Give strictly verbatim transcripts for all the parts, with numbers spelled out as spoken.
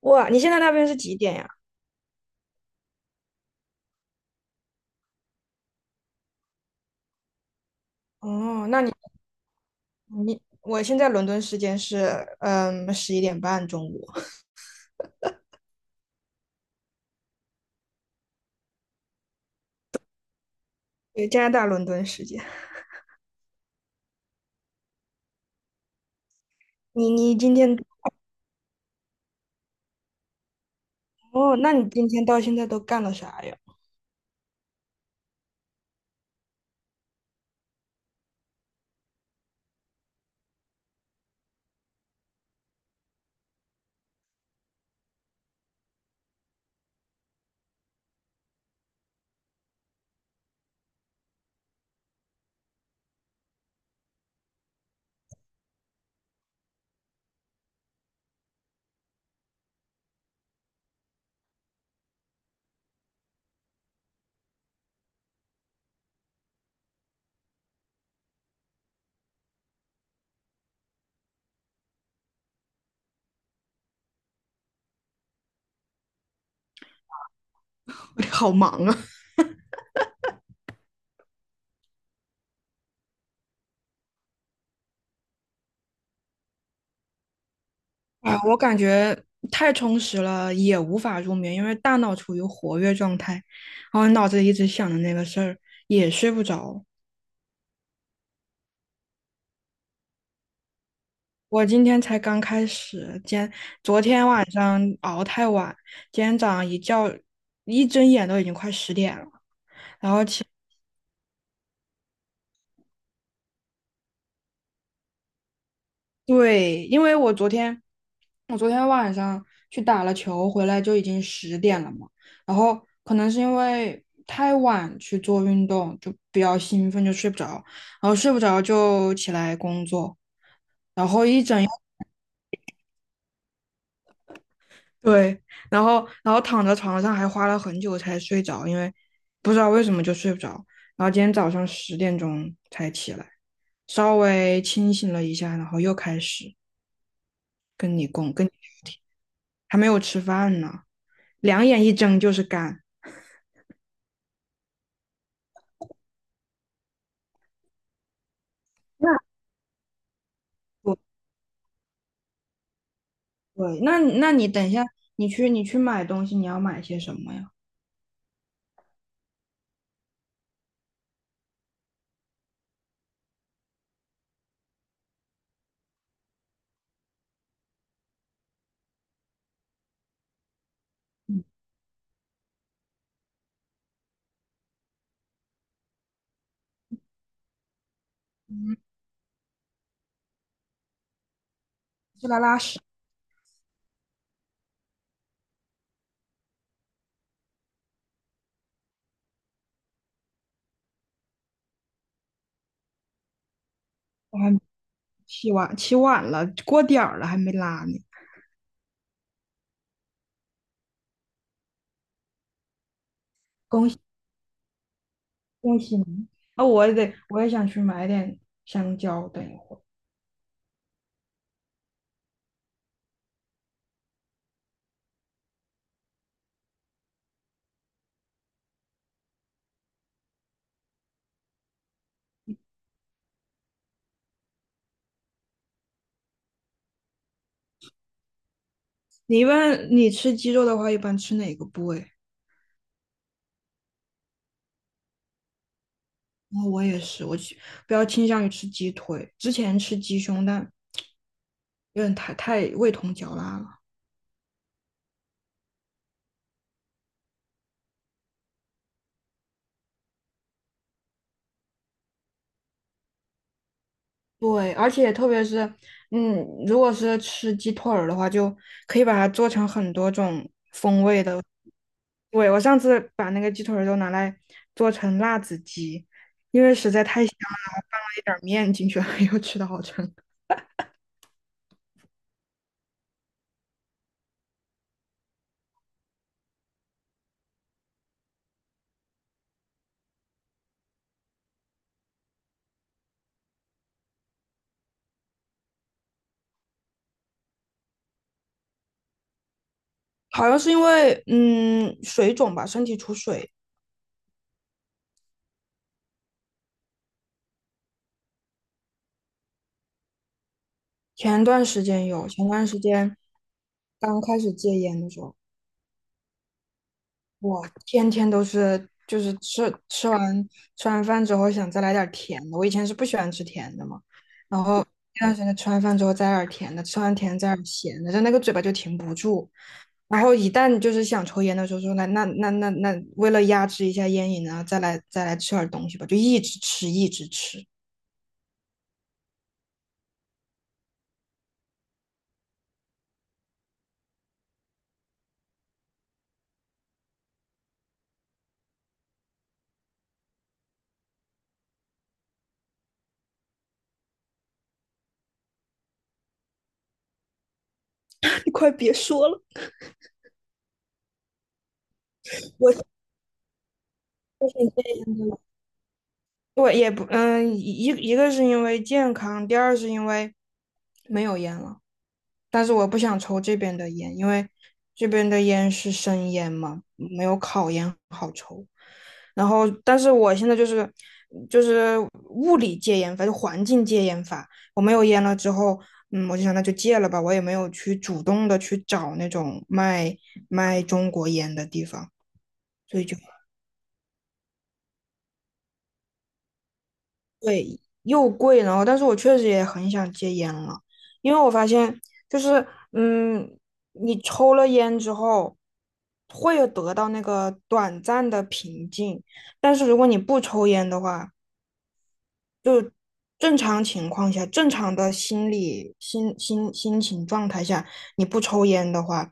哇，你现在那边是几点呀？哦，那你你我现在伦敦时间是嗯十一点半中午，对，加拿大伦敦时间。你你今天哦，那你今天到现在都干了啥呀？好忙啊！啊，我感觉太充实了，也无法入眠，因为大脑处于活跃状态，然后脑子里一直想着那个事儿，也睡不着。我今天才刚开始，今天昨天晚上熬太晚，今天早上一觉一睁眼都已经快十点了。对，因为我昨天我昨天晚上去打了球，回来就已经十点了嘛。然后可能是因为太晚去做运动，就比较兴奋，就睡不着。然后睡不着就起来工作，对。然后然后躺在床上还花了很久才睡着，因为不知道为什么就睡不着。然后今天早上十点钟才起来，稍微清醒了一下，然后又开始，还没有吃饭呢，两眼一睁就是干。我。对，那那你等一下，你去你去买东西，你要买些什么呀？嗯，去来拉屎，我还起晚起晚了，过点儿了还没拉呢。恭喜你！啊、我也得我也想去买点香蕉，等一会儿。你一般你吃鸡肉的话，一般吃哪个部位？哦，我也是，我去比较倾向于吃鸡腿，之前吃鸡胸，但有点太太味同嚼蜡了。对，而且特别是，嗯，如果是吃鸡腿儿的话，就可以把它做成很多种。对，我上次把那个鸡腿儿都拿来做成辣子鸡，还放了一点儿面进去，又吃的好撑。好像是因为嗯水肿吧，身体出水。前段时间有，前段时间刚开始戒烟的时候。我天天都是，就是吃吃完吃完饭之后想再来点儿甜的。我以前是不喜欢吃甜的嘛，然后那段时间吃完饭之后再来点儿甜的，吃完甜再来点儿咸的，就那个嘴巴就停不住。然后一旦就是想抽烟的时候说，那那那那那，为了压制一下烟瘾呢，再来再来吃点儿东西吧，就一直吃一直吃。你快别说了，我。天我也不，嗯，一一个是因为健康，第二是因为没有烟了。但是我不想抽这边的烟，因为这边的烟是生烟嘛，没有烤烟好抽。然后，但是我现在就是就是物理戒烟法，就环境戒烟法。我没有烟了之后，嗯，我就想那就戒了吧。我也没有去主动的去找那种卖卖中国烟的地方，所以就。又贵，然后但是我确实也很想戒烟了，因为我发现就是，嗯，你抽了烟之后，会有得到那个短暂的平静，但是如果你不抽烟的话，正常情况下，正常的心理心心心情状态下，你不抽烟的话，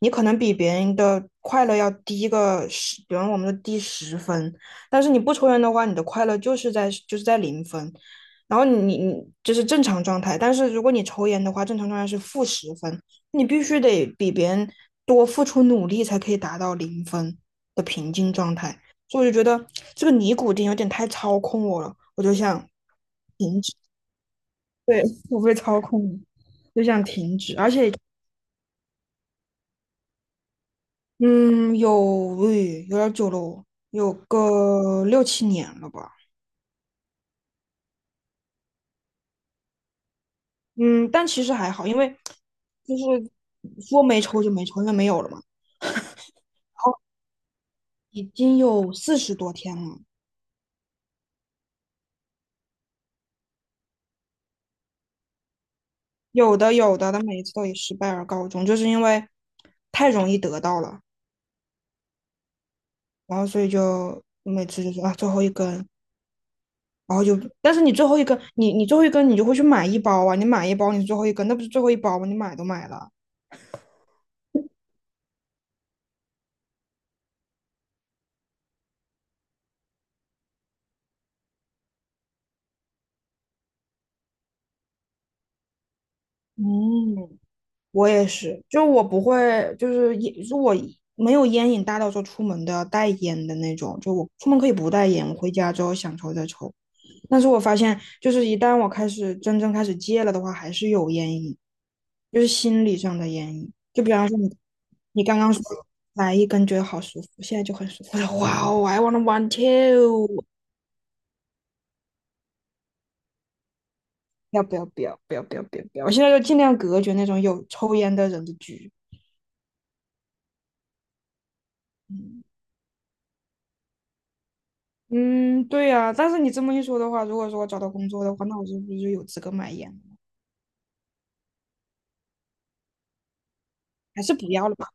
你可能比别人的快乐要低个十，比方我们的低十分，但是你不抽烟的话，你的快乐就是在就是在零分，然后你你你就是正常状态，但是如果你抽烟的话，正常状态是负十分，你必须得比别人多付出努力才可以达到零分的平静状态，所以我就觉得这个尼古丁有点太操控我了，我就想。停对，我被操控，就想停止，而且，嗯，有，诶，有点儿久了哦有个六七年了吧，嗯，但其实还好，因为就是说没抽就没抽，因为没有了嘛，然后已经有四十多天了，有的有的，但每一次都以失败而告终，就是因为太容易得到了，然后所以就每次就说啊最后一根，然后就，但是你最后一根，你你最后一根你就会去买一包啊，你买一包你最后一根，那不是最后一包吗？你买都买了。嗯，我也是，就我不会，就是也如果没有烟瘾大到说出门都要带烟的那种，就我出门可以不带烟，我回家之后想抽再抽。但是我发现，就是一旦我开始真正开始戒了的话，还是有烟瘾，就是心理上的烟瘾。就比方说你，你刚刚说来一根觉得好舒服，现在就很舒服了，哇哦，I w a n t a one too，要不要不要不要不要不要不要！我现在就尽量隔绝那种有抽烟的人的局。嗯嗯，对呀，但是你这么一说的话，如果说我找到工作的话，那我是不是就有资格买烟了？还是不要了吧？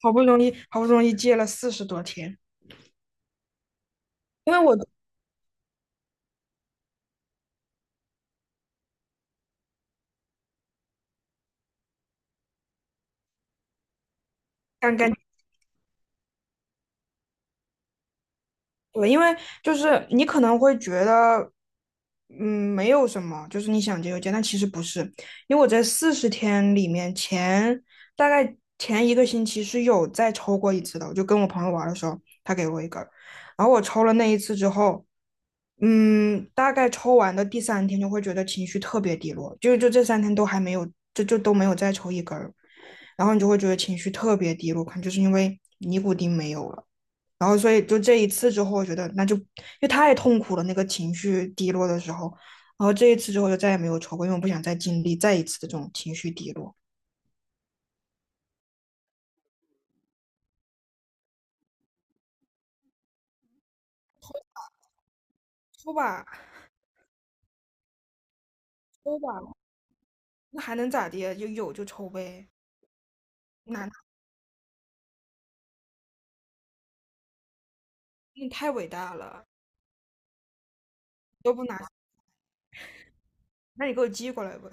好不容易，好不容易戒了四十多天，因为我刚刚对，因为就是你可能会觉得，嗯，没有什么，就是你想结就结，但其实不是，因为我在四十天里面前大概前一个星期是有再抽过一次的，我就跟我朋友玩的时候，他给我一根儿，然后我抽了那一次之后，嗯，大概抽完的第三天就会觉得情绪特别低落，就就这三天都还没有，就就都没有再抽一根儿，然后你就会觉得情绪特别低落，可能就是因为尼古丁没有了。然后所以就这一次之后，我觉得那就因为太痛苦了，那个情绪低落的时候，然后这一次之后就再也没有抽过，因为我不想再经历再一次的这种情绪低落。抽吧，抽吧，那还能咋的？就有就抽呗，拿你太伟大了，都不拿，那你给我寄过来吧。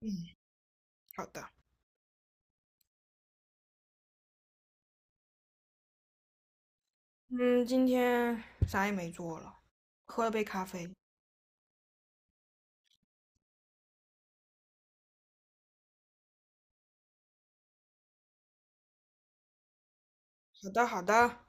嗯，好的。嗯，今天啥也没做了，喝了杯咖啡。好的，好的。